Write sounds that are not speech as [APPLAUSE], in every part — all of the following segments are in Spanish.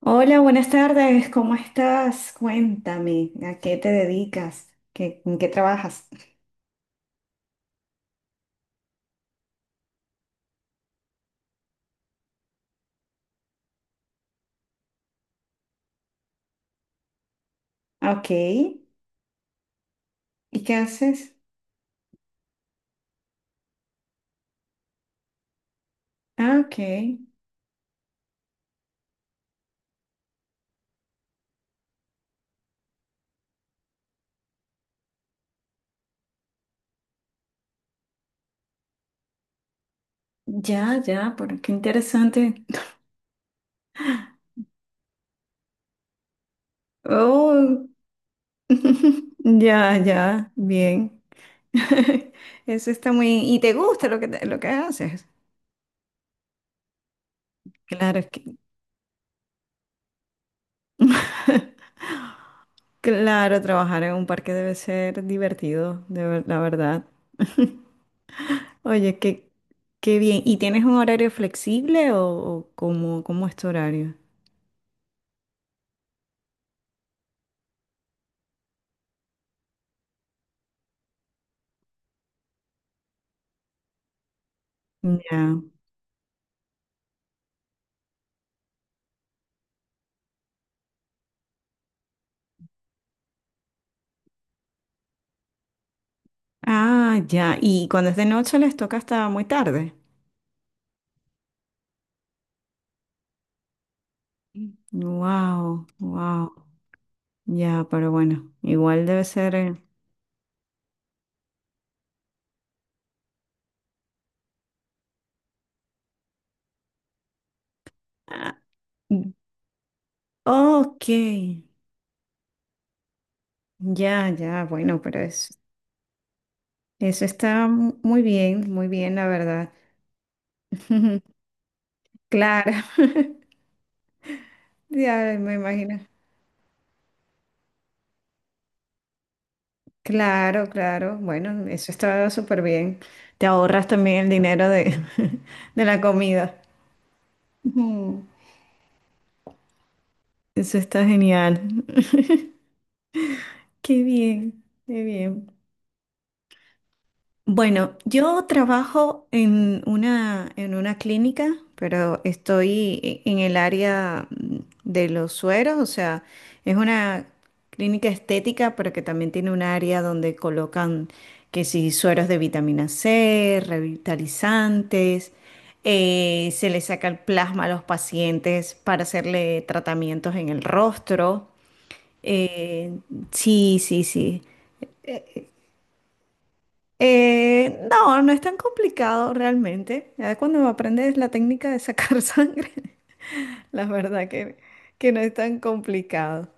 Hola, buenas tardes, ¿cómo estás? Cuéntame, ¿a qué te dedicas? ¿En qué trabajas? Ah, ok, ¿y qué haces? Ah, ok, ya, ya, pero qué interesante. Oh, [LAUGHS] ya, ya, bien. [LAUGHS] Eso está muy... ¿Y te gusta lo que haces? Claro, es que... [LAUGHS] Claro, trabajar en un parque debe ser divertido, la verdad. [LAUGHS] Oye, qué, qué bien. ¿Y tienes un horario flexible o cómo, cómo es tu horario? Ya. Ah, ya. ¿Y cuando es de noche les toca hasta muy tarde? Wow, wow. Ya, pero bueno, igual debe ser. Ah, ok. Ya, ya, bueno, eso está muy bien, la verdad. [LAUGHS] Claro. [LAUGHS] Ya me imagino. Claro, claro. Bueno, eso está súper bien. Te ahorras también el dinero [LAUGHS] de la comida. Ujú. Eso está genial. [LAUGHS] Qué bien, qué bien. Bueno, yo trabajo en una clínica, pero estoy en el área, de los sueros, o sea, es una clínica estética, pero que también tiene un área donde colocan que si sueros de vitamina C, revitalizantes, se le saca el plasma a los pacientes para hacerle tratamientos en el rostro. Eh, sí, sí, sí. No, no es tan complicado realmente. Ya cuando aprendes la técnica de sacar [LAUGHS] sangre, la verdad que no es tan complicado.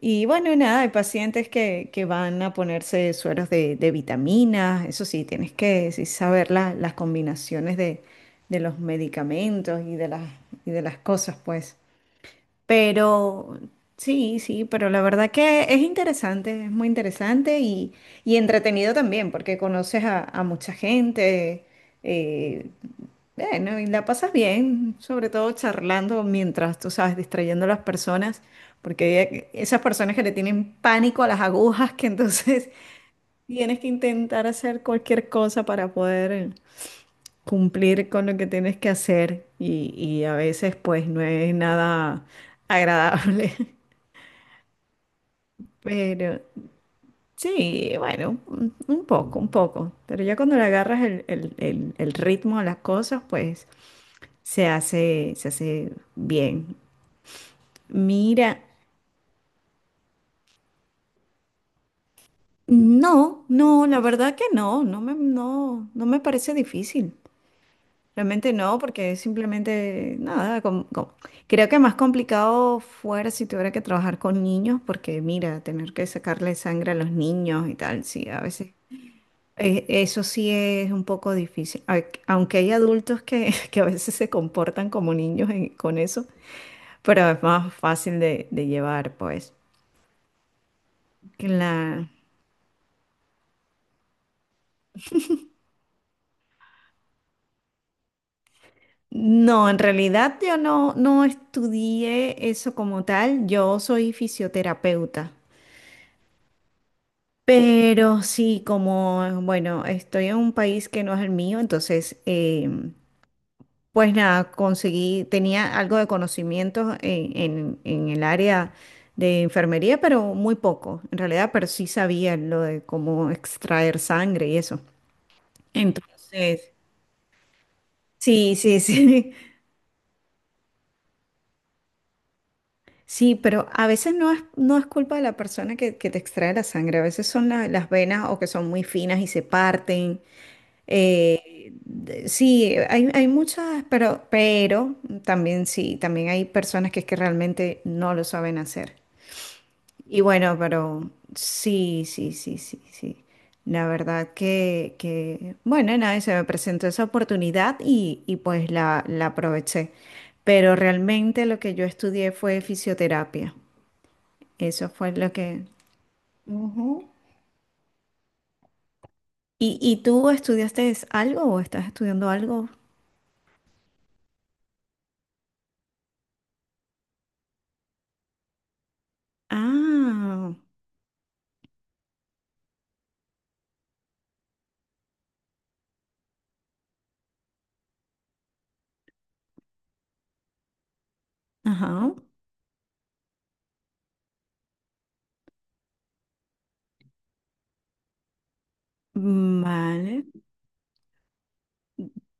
Y bueno, nada, hay pacientes que van a ponerse sueros de vitaminas, eso sí, tienes que, sí, saber las combinaciones de los medicamentos y de y de las cosas, pues. Pero sí, sí, pero la verdad que es interesante, es muy interesante y entretenido también, porque conoces a mucha gente, eh, bueno, y la pasas bien, sobre todo charlando mientras, tú sabes, distrayendo a las personas, porque esas personas que le tienen pánico a las agujas, que entonces [LAUGHS] tienes que intentar hacer cualquier cosa para poder cumplir con lo que tienes que hacer y a veces pues no es nada agradable. [LAUGHS] Pero sí, bueno, un poco, un poco. Pero ya cuando le agarras el ritmo a las cosas, pues se hace bien. Mira, no, no, la verdad que no, no, no me parece difícil. Realmente no, porque simplemente nada, creo que más complicado fuera si tuviera que trabajar con niños, porque mira, tener que sacarle sangre a los niños y tal, sí, a veces eso sí es un poco difícil. Ay, aunque hay adultos que, [LAUGHS] que a veces se comportan como niños con eso, pero es más fácil de llevar, pues. Cla- No, en realidad yo no, no estudié eso como tal, yo soy fisioterapeuta, pero sí, como, bueno, estoy en un país que no es el mío, entonces... Pues nada, conseguí, tenía algo de conocimientos en, en el área de enfermería, pero muy poco, en realidad, pero sí sabía lo de cómo extraer sangre y eso. Entonces, sí, sí, sí, [LAUGHS] sí, pero a veces no es, no es culpa de la persona que te extrae la sangre, a veces son las venas o que son muy finas y se parten. Sí, hay muchas, pero también sí, también hay personas que es que realmente no lo saben hacer. Y bueno, pero sí, sí, sí, sí, sí. La verdad que bueno, nada, se me presentó esa oportunidad y pues la aproveché. Pero realmente lo que yo estudié fue fisioterapia. Eso fue lo que... ¿Y, y tú estudiaste algo o estás estudiando algo? Ah, ajá. Vale.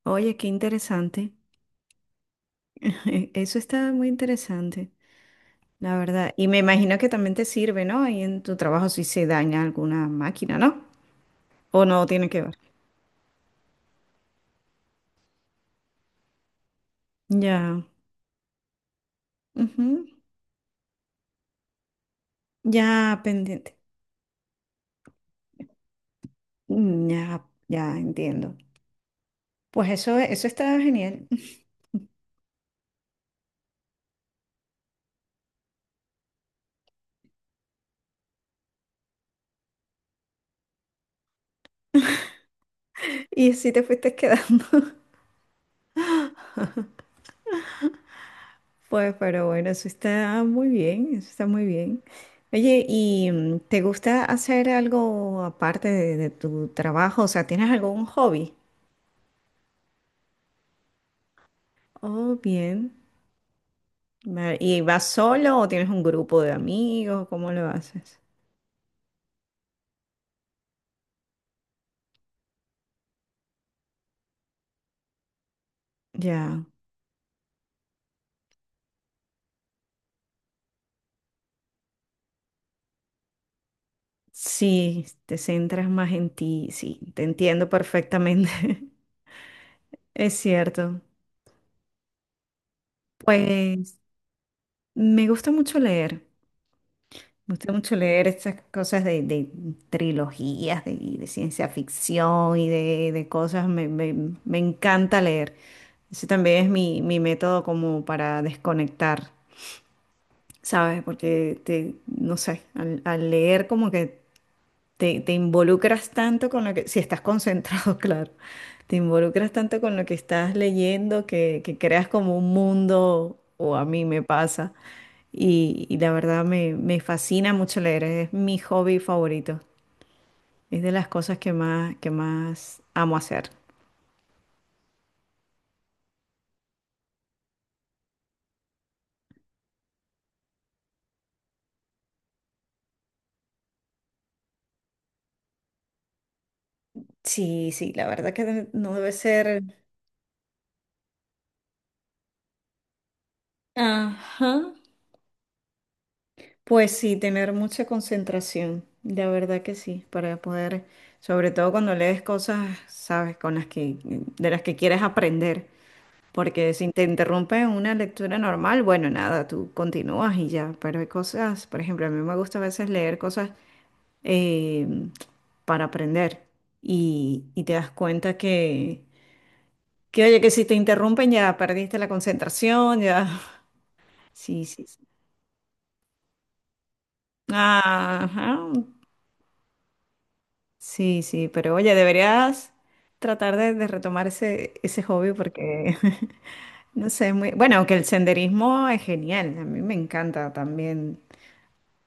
Oye, qué interesante. [LAUGHS] Eso está muy interesante. La verdad, y me imagino que también te sirve, ¿no? Y en tu trabajo si se daña alguna máquina, ¿no? O no tiene que ver. Ya, ujú, ya pendiente. Mm, ya, ya entiendo. Pues eso está genial. [LAUGHS] Y así te fuiste quedando. [LAUGHS] Pues, pero bueno, eso está muy bien, eso está muy bien. Oye, ¿y te gusta hacer algo aparte de tu trabajo? O sea, ¿tienes algún hobby? Oh, bien. Vale, ¿y vas solo o tienes un grupo de amigos? ¿Cómo lo haces? Ya, sí, te centras más en ti, sí, te entiendo perfectamente. [LAUGHS] Es cierto. Pues me gusta mucho leer, me gusta mucho leer estas cosas de trilogías, de ciencia ficción y de cosas, me encanta leer. Ese también es mi, mi método como para desconectar, ¿sabes? Porque te, no sé, al leer como que te involucras tanto con lo que, si estás concentrado, [LAUGHS] claro, te involucras tanto con lo que estás leyendo que creas como un mundo, o a mí me pasa, y la verdad me, me fascina mucho leer, es mi hobby favorito, es de las cosas que más amo hacer. Sí, sí, la verdad que no debe ser. Ajá. Pues sí, tener mucha concentración, la verdad que sí, para poder, sobre todo cuando lees cosas, sabes, de las que quieres aprender, porque si te interrumpe una lectura normal, bueno, nada, tú continúas y ya, pero hay cosas, por ejemplo, a mí me gusta a veces leer cosas eh, para aprender y te das cuenta que, oye, que si te interrumpen ya perdiste la concentración, ya, [LAUGHS] sí, sí, sí. Ajá, sí, sí, pero oye, deberías tratar de retomar ese, ese hobby porque, [LAUGHS] no sé, muy... Bueno, aunque el senderismo es genial, a mí me encanta también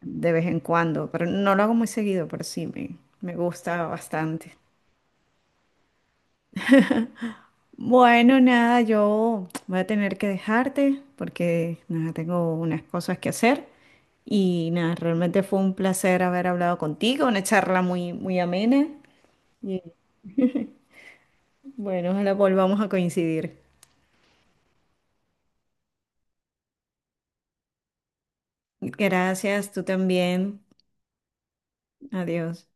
de vez en cuando, pero no lo hago muy seguido, pero sí, me gusta bastante. Bueno, nada, yo voy a tener que dejarte porque, nada, tengo unas cosas que hacer y nada, realmente fue un placer haber hablado contigo, una charla muy, muy amena y bueno, ojalá volvamos a coincidir. Gracias, tú también. Adiós.